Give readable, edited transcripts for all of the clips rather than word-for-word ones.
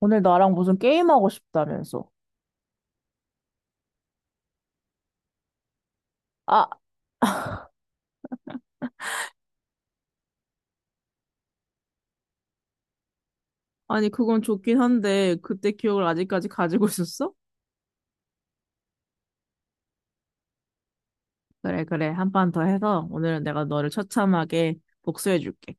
오늘 나랑 무슨 게임하고 싶다면서. 아, 아니, 그건 좋긴 한데, 그때 기억을 아직까지 가지고 있었어? 그래, 그래. 한 판 더 해서, 오늘은 내가 너를 처참하게 복수해줄게.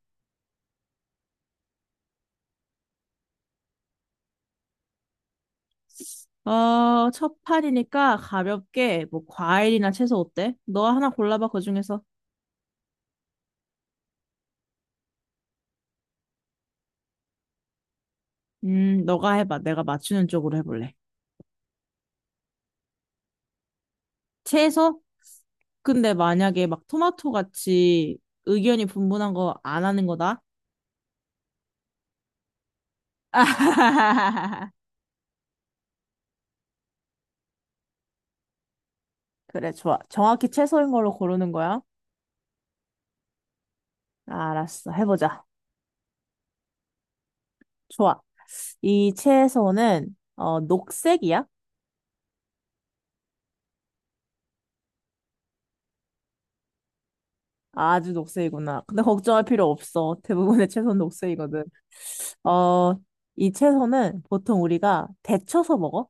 첫 판이니까 가볍게, 뭐, 과일이나 채소 어때? 너 하나 골라봐, 그 중에서. 너가 해봐. 내가 맞추는 쪽으로 해볼래. 채소? 근데 만약에 막 토마토 같이 의견이 분분한 거 안 하는 거다? 그래, 좋아. 정확히 채소인 걸로 고르는 거야? 알았어. 해보자. 좋아. 이 채소는, 녹색이야? 아주 녹색이구나. 근데 걱정할 필요 없어. 대부분의 채소는 녹색이거든. 어, 이 채소는 보통 우리가 데쳐서 먹어?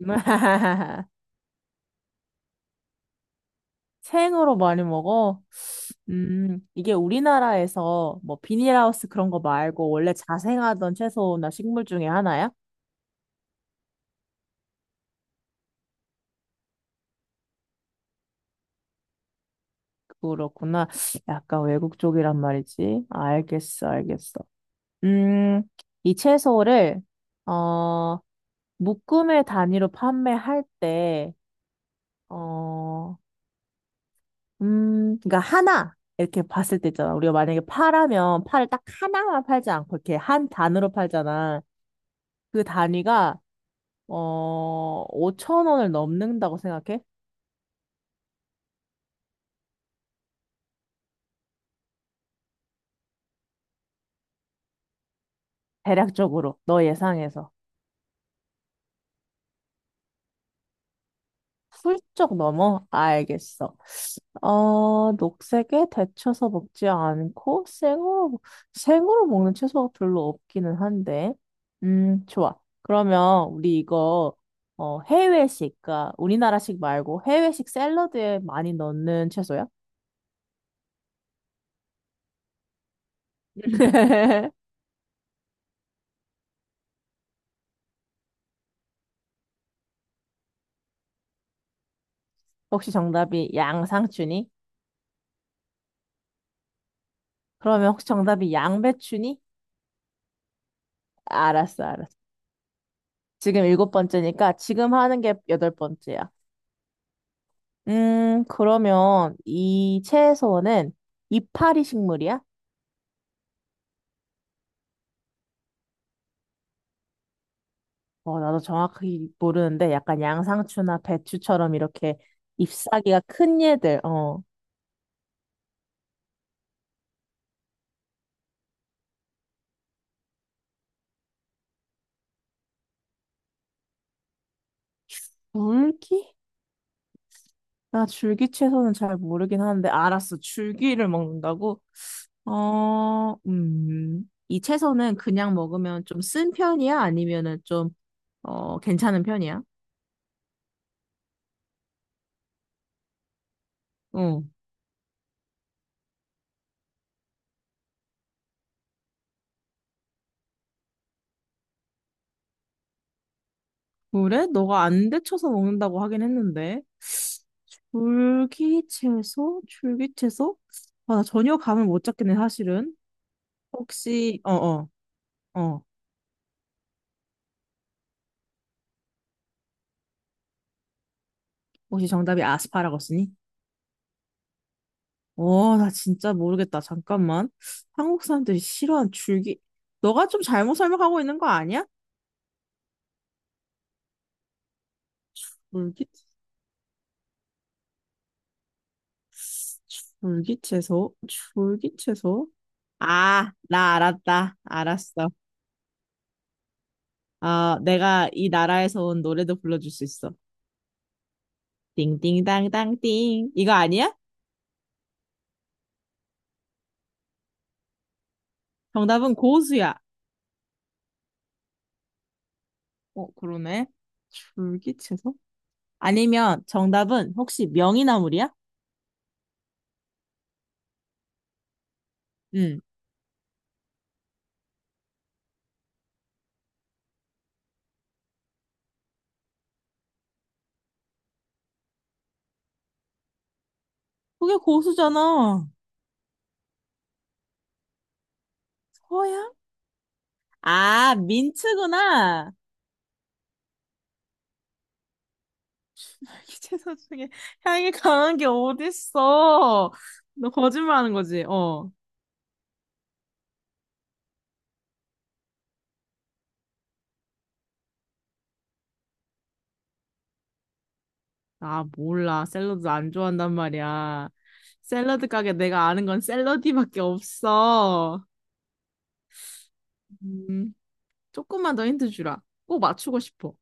생으로 많이 먹어? 이게 우리나라에서 뭐 비닐하우스 그런 거 말고 원래 자생하던 채소나 식물 중에 하나야? 그렇구나. 약간 외국 쪽이란 말이지. 알겠어, 알겠어. 음, 이 채소를, 어, 묶음의 단위로 판매할 때, 어, 그러니까 하나, 이렇게 봤을 때 있잖아. 우리가 만약에 파라면 파를 딱 하나만 팔지 않고 이렇게 한 단으로 팔잖아. 그 단위가, 5천 원을 넘는다고 생각해? 대략적으로, 너 예상해서. 훌쩍 넘어? 알겠어. 어, 녹색에 데쳐서 먹지 않고 생으로, 생으로 먹는 채소가 별로 없기는 한데. 좋아. 그러면 우리 이거 해외식, 그러니까 우리나라식 말고 해외식 샐러드에 많이 넣는 채소야? 혹시 정답이 양상추니? 그러면 혹시 정답이 양배추니? 알았어, 알았어. 지금 일곱 번째니까 지금 하는 게 여덟 번째야. 그러면 이 채소는 이파리 식물이야? 어, 나도 정확히 모르는데 약간 양상추나 배추처럼 이렇게 잎사귀가 큰 얘들. 어, 줄기? 나 줄기 채소는 잘 모르긴 하는데 알았어. 줄기를 먹는다고? 어, 이 채소는 그냥 먹으면 좀 쓴 편이야? 아니면은 좀, 괜찮은 편이야? 응. 그래? 너가 안 데쳐서 먹는다고 하긴 했는데. 줄기채소? 줄기채소? 아, 나 전혀 감을 못 잡겠네, 사실은. 혹시, 어, 어, 어. 혹시 정답이 아스파라거스니? 어, 나 진짜 모르겠다. 잠깐만. 한국 사람들이 싫어하는 줄기. 너가 좀 잘못 설명하고 있는 거 아니야? 줄기, 줄기채소? 줄기채소? 아, 나 알았다. 알았어. 아, 내가 이 나라에서 온 노래도 불러줄 수 있어. 띵띵땅땅띵. 이거 아니야? 정답은 고수야. 어, 그러네. 줄기채소? 아니면 정답은 혹시 명이나물이야? 응. 그게 고수잖아. 서양? 아, 민트구나. 줄기채소 중에 향이 강한 게 어딨어. 너 거짓말하는 거지? 어. 아, 몰라. 샐러드 안 좋아한단 말이야. 샐러드 가게 내가 아는 건 샐러디밖에 없어. 음, 조금만 더 힌트 주라. 꼭 맞추고 싶어.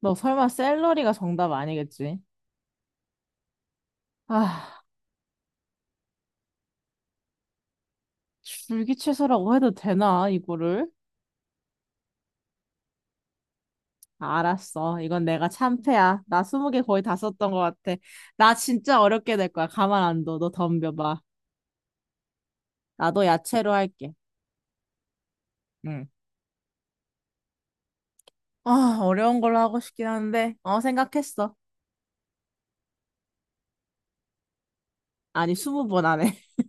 너 설마 샐러리가 정답 아니겠지? 아, 줄기 채소라고 해도 되나, 이거를? 알았어. 이건 내가 참패야. 나 스무 개 거의 다 썼던 것 같아. 나 진짜 어렵게 될 거야. 가만 안 둬. 너 덤벼봐. 나도 야채로 할게. 응. 아, 어려운 걸로 하고 싶긴 한데, 생각했어. 아니, 스무 번 안에.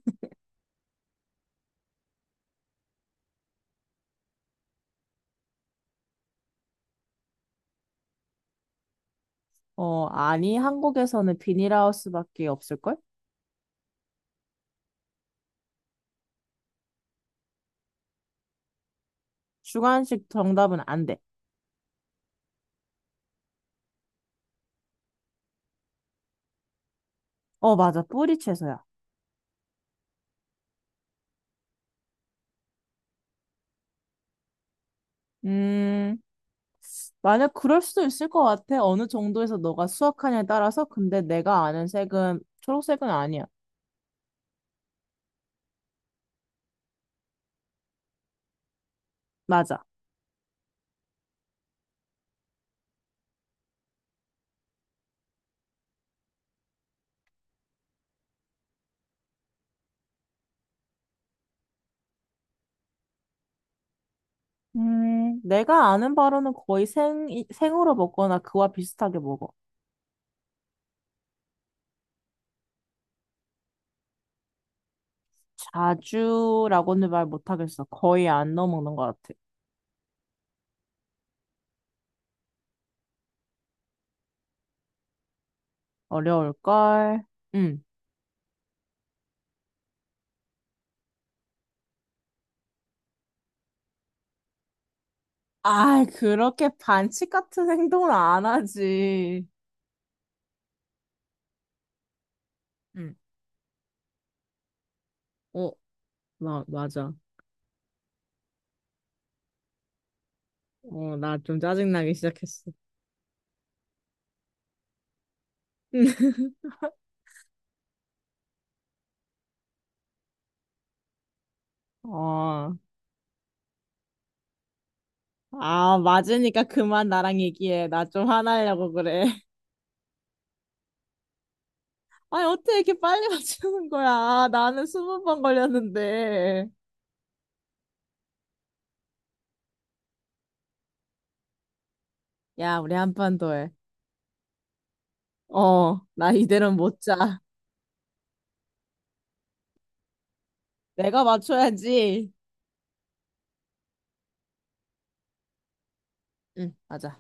어, 아니, 한국에서는 비닐하우스밖에 없을걸? 주관식 정답은 안 돼. 어, 맞아. 뿌리 채소야. 음. 만약 그럴 수도 있을 것 같아. 어느 정도에서 너가 수확하냐에 따라서. 근데 내가 아는 색은 초록색은 아니야. 맞아. 내가 아는 바로는 거의 생으로 먹거나 그와 비슷하게 먹어. 자주라고는 말 못하겠어. 거의 안 넣어 먹는 것 같아. 어려울걸? 응. 아, 그렇게 반칙 같은 행동은 안 하지. 응. 어, 나, 맞아. 어, 나 좀 짜증나기 시작했어. 어. 아, 맞으니까 그만 나랑 얘기해. 나 좀 화나려고 그래. 아니, 어떻게 이렇게 빨리 맞추는 거야? 아, 나는 스무 번 걸렸는데. 야, 우리 한 판 더 해. 어, 나 이대로는 못 자. 내가 맞춰야지. 응, 맞아.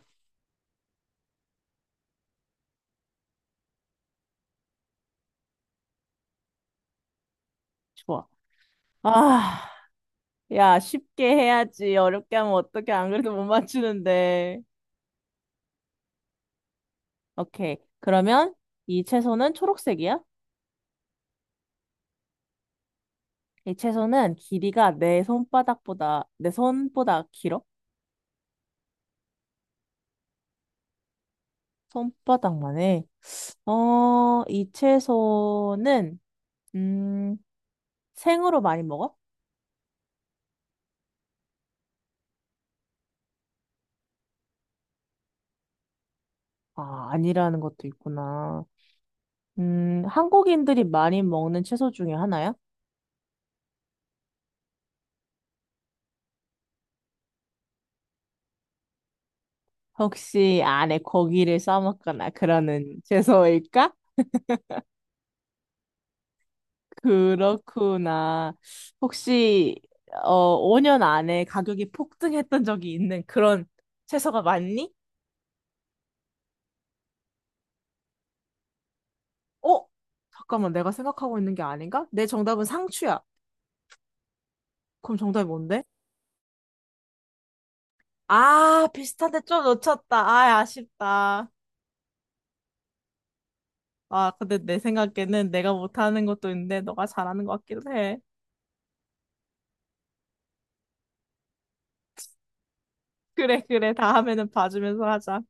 좋아. 아, 야, 쉽게 해야지. 어렵게 하면 어떻게 안 그래도 못 맞추는데. 오케이. 그러면 이 채소는 초록색이야? 이 채소는 길이가 내 손바닥보다, 내 손보다 길어? 손바닥만 해. 어, 이 채소는, 음, 생으로 많이 먹어? 아, 아니라는 것도 있구나. 한국인들이 많이 먹는 채소 중에 하나야? 혹시 안에 고기를 싸먹거나 그러는 채소일까? 그렇구나. 혹시, 5년 안에 가격이 폭등했던 적이 있는 그런 채소가 맞니? 어? 잠깐만, 내가 생각하고 있는 게 아닌가? 내 정답은 상추야. 그럼 정답이 뭔데? 아, 비슷한데 좀 놓쳤다. 아, 아쉽다. 아, 근데 내 생각에는 내가 못하는 것도 있는데 너가 잘하는 것 같기도 해. 그래, 그래. 다음에는 봐주면서 하자.